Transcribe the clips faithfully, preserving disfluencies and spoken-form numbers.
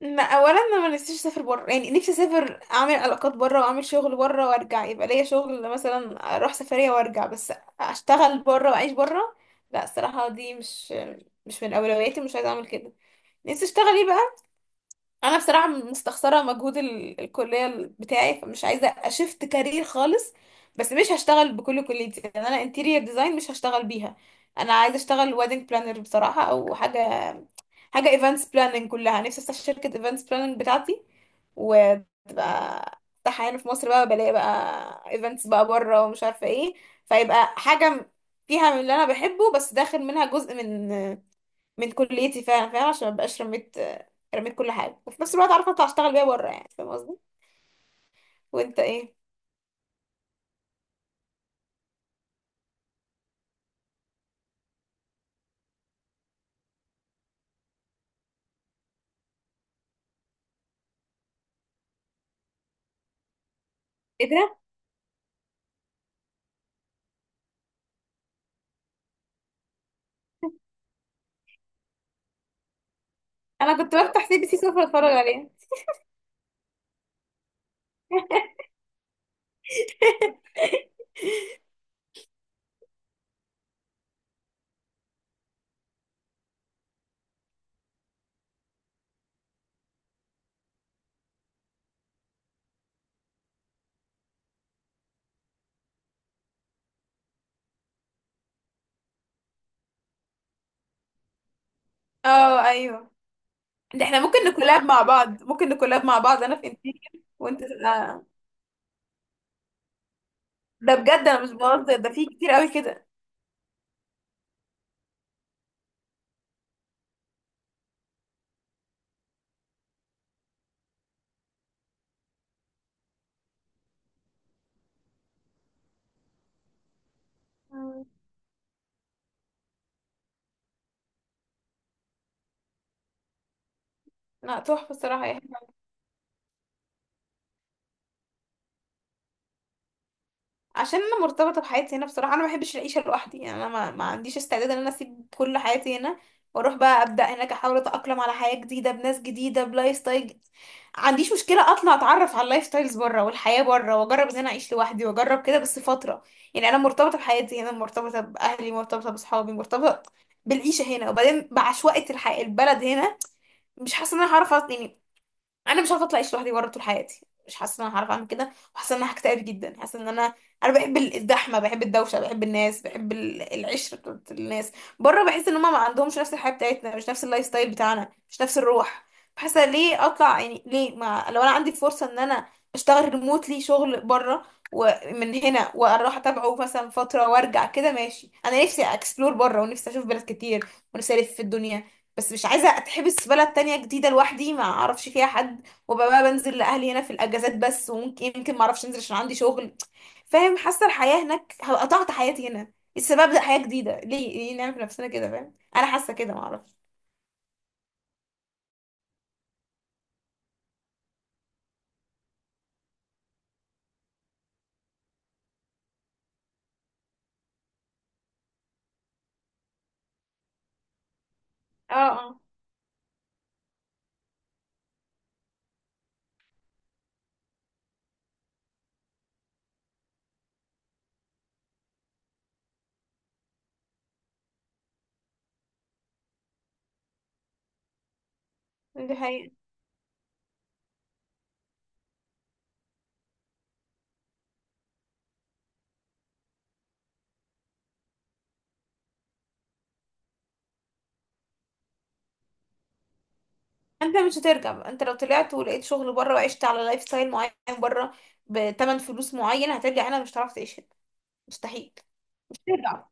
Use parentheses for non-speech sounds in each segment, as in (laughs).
ما اولا انا ما نفسيش اسافر بره، يعني نفسي اسافر اعمل علاقات بره واعمل شغل بره وارجع، يبقى ليا شغل مثلا اروح سفريه وارجع بس اشتغل بره واعيش بره. لا الصراحه دي مش مش من اولوياتي، مش عايزه اعمل كده. نفسي اشتغل ايه بقى؟ انا بصراحه مستخسره مجهود ال- الكليه بتاعي، فمش عايزه اشفت كارير خالص، بس مش هشتغل بكل كليتي لان انا انتيريور ديزاين مش هشتغل بيها. انا عايزه اشتغل ويدنج بلانر بصراحه او حاجه حاجه ايفنتس بلاننج، كلها نفسي افتح شركه ايفنتس بلاننج بتاعتي وتبقى افتحها هنا في مصر، بقى بلاقي بقى ايفنتس بقى بره ومش عارفه ايه، فيبقى حاجه فيها من اللي انا بحبه بس داخل منها جزء من من كليتي فعلا، فاهم؟ عشان مبقاش رميت رميت كل حاجة، وفي نفس الوقت عارفة اطلع اشتغل بيها بره، يعني فاهم قصدي؟ وانت ايه؟ ايه ده؟ انا كنت بفتح سي بي سي سوف اتفرج عليها. (laughs) اه، ايوه. ده احنا ممكن نكولاب مع بعض، ممكن نكولاب مع بعض، انا في انتيكر وانت تبقى- ده بجد انا مش بهزر، ده في كتير قوي كده. مم. لا، تحفة الصراحة. عشان انا مرتبطه بحياتي هنا بصراحه، انا ما بحبش العيشه لوحدي، يعني انا ما, ما عنديش استعداد ان انا اسيب كل حياتي هنا واروح بقى ابدا هناك، احاول اتاقلم على حياه جديده بناس جديده بلايف ستايل جديد. عنديش مشكله اطلع اتعرف على اللايف ستايلز بره والحياه بره، واجرب ان انا اعيش لوحدي واجرب كده بس فتره، يعني انا مرتبطه بحياتي هنا، مرتبطه باهلي، مرتبطه باصحابي، مرتبطه بالعيشه هنا، وبعدين بعشوائيه الحياه البلد هنا. مش حاسه ان انا هعرف أص- يعني انا مش عارفه اطلع اعيش لوحدي بره طول حياتي، مش حاسه ان انا هعرف اعمل كده، وحاسه ان انا هكتئب جدا، حاسه ان انا انا بحب الزحمه، بحب الدوشه، بحب الناس، بحب ال- العشره بتاعت الناس. بره بحس ان هم ما عندهمش نفس الحياه بتاعتنا، مش نفس اللايف ستايل بتاعنا، مش نفس الروح. حاسه ليه اطلع يعني؟ ليه؟ ما لو انا عندي فرصه ان انا اشتغل ريموتلي شغل بره ومن هنا، واروح اتابعه مثلا فتره وارجع، كده ماشي. انا نفسي اكسبلور بره، ونفسي اشوف بلاد كتير، ونفسي الف في الدنيا، بس مش عايزه اتحبس في بلد تانية جديده لوحدي ما اعرفش فيها حد. وابقى بقى بنزل لاهلي هنا في الاجازات بس، وممكن يمكن ما اعرفش انزل عشان عندي شغل، فاهم؟ حاسه الحياه هناك هبقى قطعت حياتي هنا السبب ده، حياه جديده، ليه ليه نعمل في نفسنا كده، فاهم؟ انا حاسه كده، ما اعرفش. اه، اه. دي حقيقة. انت مش هترجع بقى. انت لو طلعت ولقيت شغل بره وعشت على لايف ستايل معين بره بتمن فلوس معين، هترجع هنا مش هتعرف تعيش هنا، مستحيل. مش هترجع.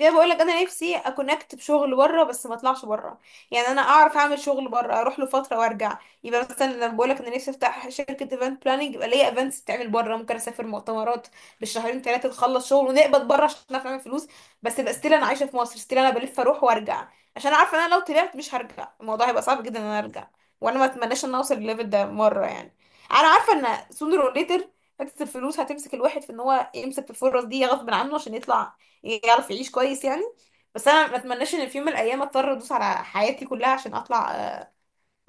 زي بقول لك، انا نفسي اكونكت بشغل بره بس ما اطلعش بره، يعني انا اعرف اعمل شغل بره اروح له فتره وارجع. يبقى مثلا لما بقول لك انا نفسي افتح شركه ايفنت بلاننج، يبقى ليا ايفنتس تعمل بره، ممكن اسافر مؤتمرات بالشهرين ثلاثه، نخلص شغل ونقبض بره عشان نعرف نعمل فلوس، بس يبقى ستيل انا عايشه في مصر، ستيل انا بلف اروح وارجع، عشان عارفه ان انا لو طلعت مش هرجع، الموضوع هيبقى صعب جدا ان انا ارجع. وانا ما اتمناش ان أنا اوصل للليفل ده مره يعني. انا عارفه ان sooner or later حته الفلوس هتمسك الواحد في ان هو يمسك في الفرص دي غصب عنه عشان يطلع يعرف يعيش كويس يعني. بس انا ما اتمناش ان في يوم من الايام اضطر ادوس على حياتي كلها عشان اطلع، آه،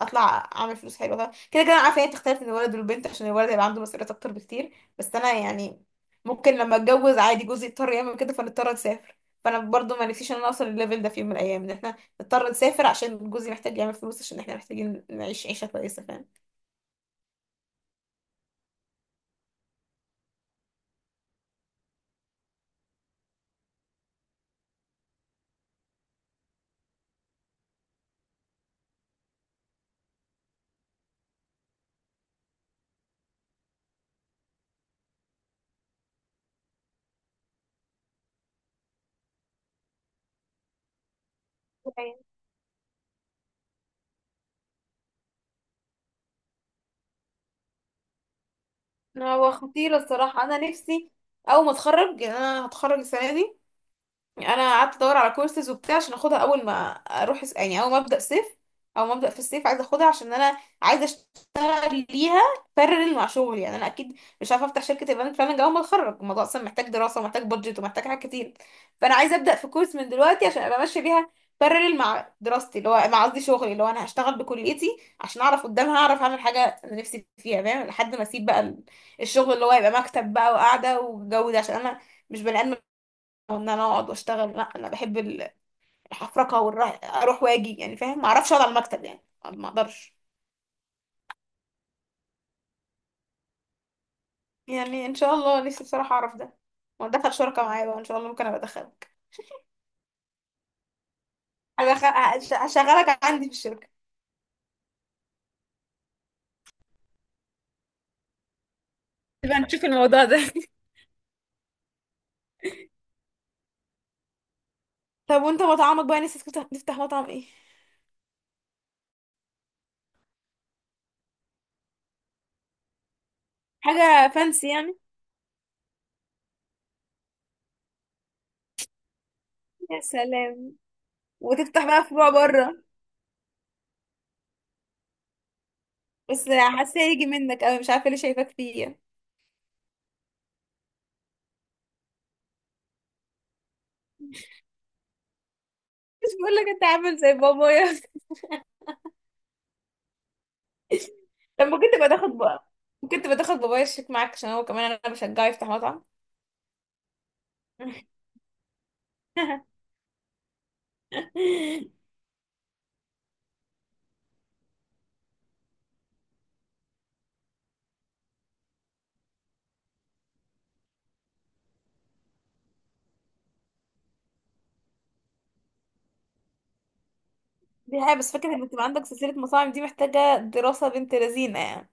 اطلع اعمل فلوس حلوه. طبعا كده كده انا عارفه هي بتختلف من الولد والبنت، عشان الولد هيبقى عنده مسؤوليات اكتر بكتير، بس انا يعني ممكن لما اتجوز عادي جوزي يضطر يعمل كده فنضطر نسافر. فانا برضو ما نفسيش ان انا اوصل للليفل ده في يوم من الايام، ان احنا نضطر نسافر عشان جوزي محتاج يعمل فلوس عشان احنا محتاجين نعيش عيشه كويسه، فاهم؟ أيوة. هو خطير الصراحه. انا نفسي اول ما اتخرج، يعني انا هتخرج السنه دي. انا قعدت ادور على كورسز وبتاع عشان اخدها اول ما اروح الس- يعني اول ما ابدا صيف، او ما ابدا في الصيف، عايزه اخدها عشان انا عايزه اشتغل ليها بارل مع شغلي. يعني انا اكيد مش عارفه افتح شركه ايفنت بلاننج اول ما اتخرج، الموضوع اصلا محتاج دراسه ومحتاج بادجت ومحتاج حاجات كتير. فانا عايزه ابدا في كورس من دلوقتي عشان ابقى ماشيه بيها بارل مع دراستي اللي هو مع قصدي شغلي اللي هو انا هشتغل بكليتي، عشان اعرف قدامها اعرف اعمل حاجه انا نفسي فيها، فاهم؟ لحد ما اسيب بقى ال- الشغل اللي هو يبقى مكتب بقى وقاعده وجو ده، عشان انا مش بني ادم وان انا اقعد واشتغل، لا انا بحب ال- الحفرقه والراح اروح واجي، يعني فاهم ما اعرفش اقعد على المكتب يعني، ما اقدرش. يعني ان شاء الله نفسي بصراحه اعرف ده، وادخل شركه معايا بقى ان شاء الله، ممكن ابقى ادخلك. هدخل هش- هشغلك عندي في الشركه. يبقى نشوف الموضوع ده. (laughs) طب وانت مطعمك بقى، نفسك تفتح تفتح مطعم ايه؟ حاجة فانسي يعني؟ يا سلام. وتفتح بقى فروع بره؟ بس حاسه هيجي منك قوي، مش عارفه ليه شايفاك فيه يعني. مش بقول لك انت عامل زي بابايا؟ لما كنت بتاخد بقى، كنت بتاخد بابايا الشيك معاك، عشان هو كمان انا بشجعه يفتح مطعم. (laughs) دي حاجة، بس فكرة انك تبقى عندك سلسلة مطاعم دي محتاجة دراسة بنت لذينة يعني.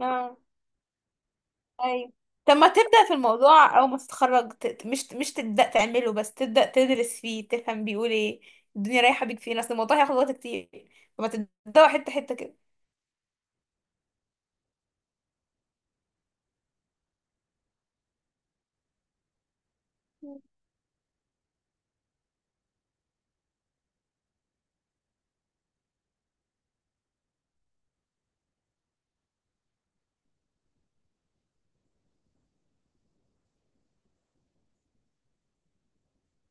اه، ايوه. طب ما تبدأ في الموضوع او ما تتخرج، ت- ت- مش مش تبدأ تعمله، بس تبدأ تدرس فيه تفهم بيقول ايه، الدنيا رايحة بيك فين، اصل الموضوع هياخد وقت كتير، فما تبدأ حتة حتة كده.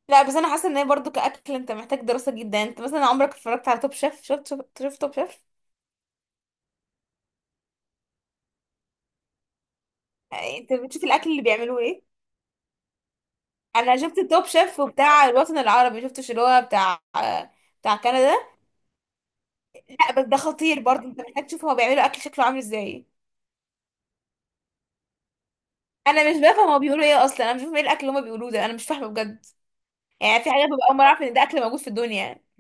لا، بس انا حاسة ان هي برضو كأكل انت محتاج دراسة جدا. انت مثلا عمرك اتفرجت على توب شيف؟ شفت شفت شفت توب شيف؟ انت بتشوف الاكل اللي بيعملوه ايه. انا شفت التوب شيف بتاع الوطن العربي، شفتش اللي هو بتاع بتاع كندا. لا بس ده خطير برضه، انت محتاج تشوف هو بيعملوا اكل شكله عامل ازاي. انا مش بفهم هما بيقولوا ايه اصلا، انا مش فاهمه ايه الاكل اللي هما بيقولوه ده، انا مش فاهمه بجد. يعني في حاجات ببقى اول مره اعرف ان ده اكل موجود في الدنيا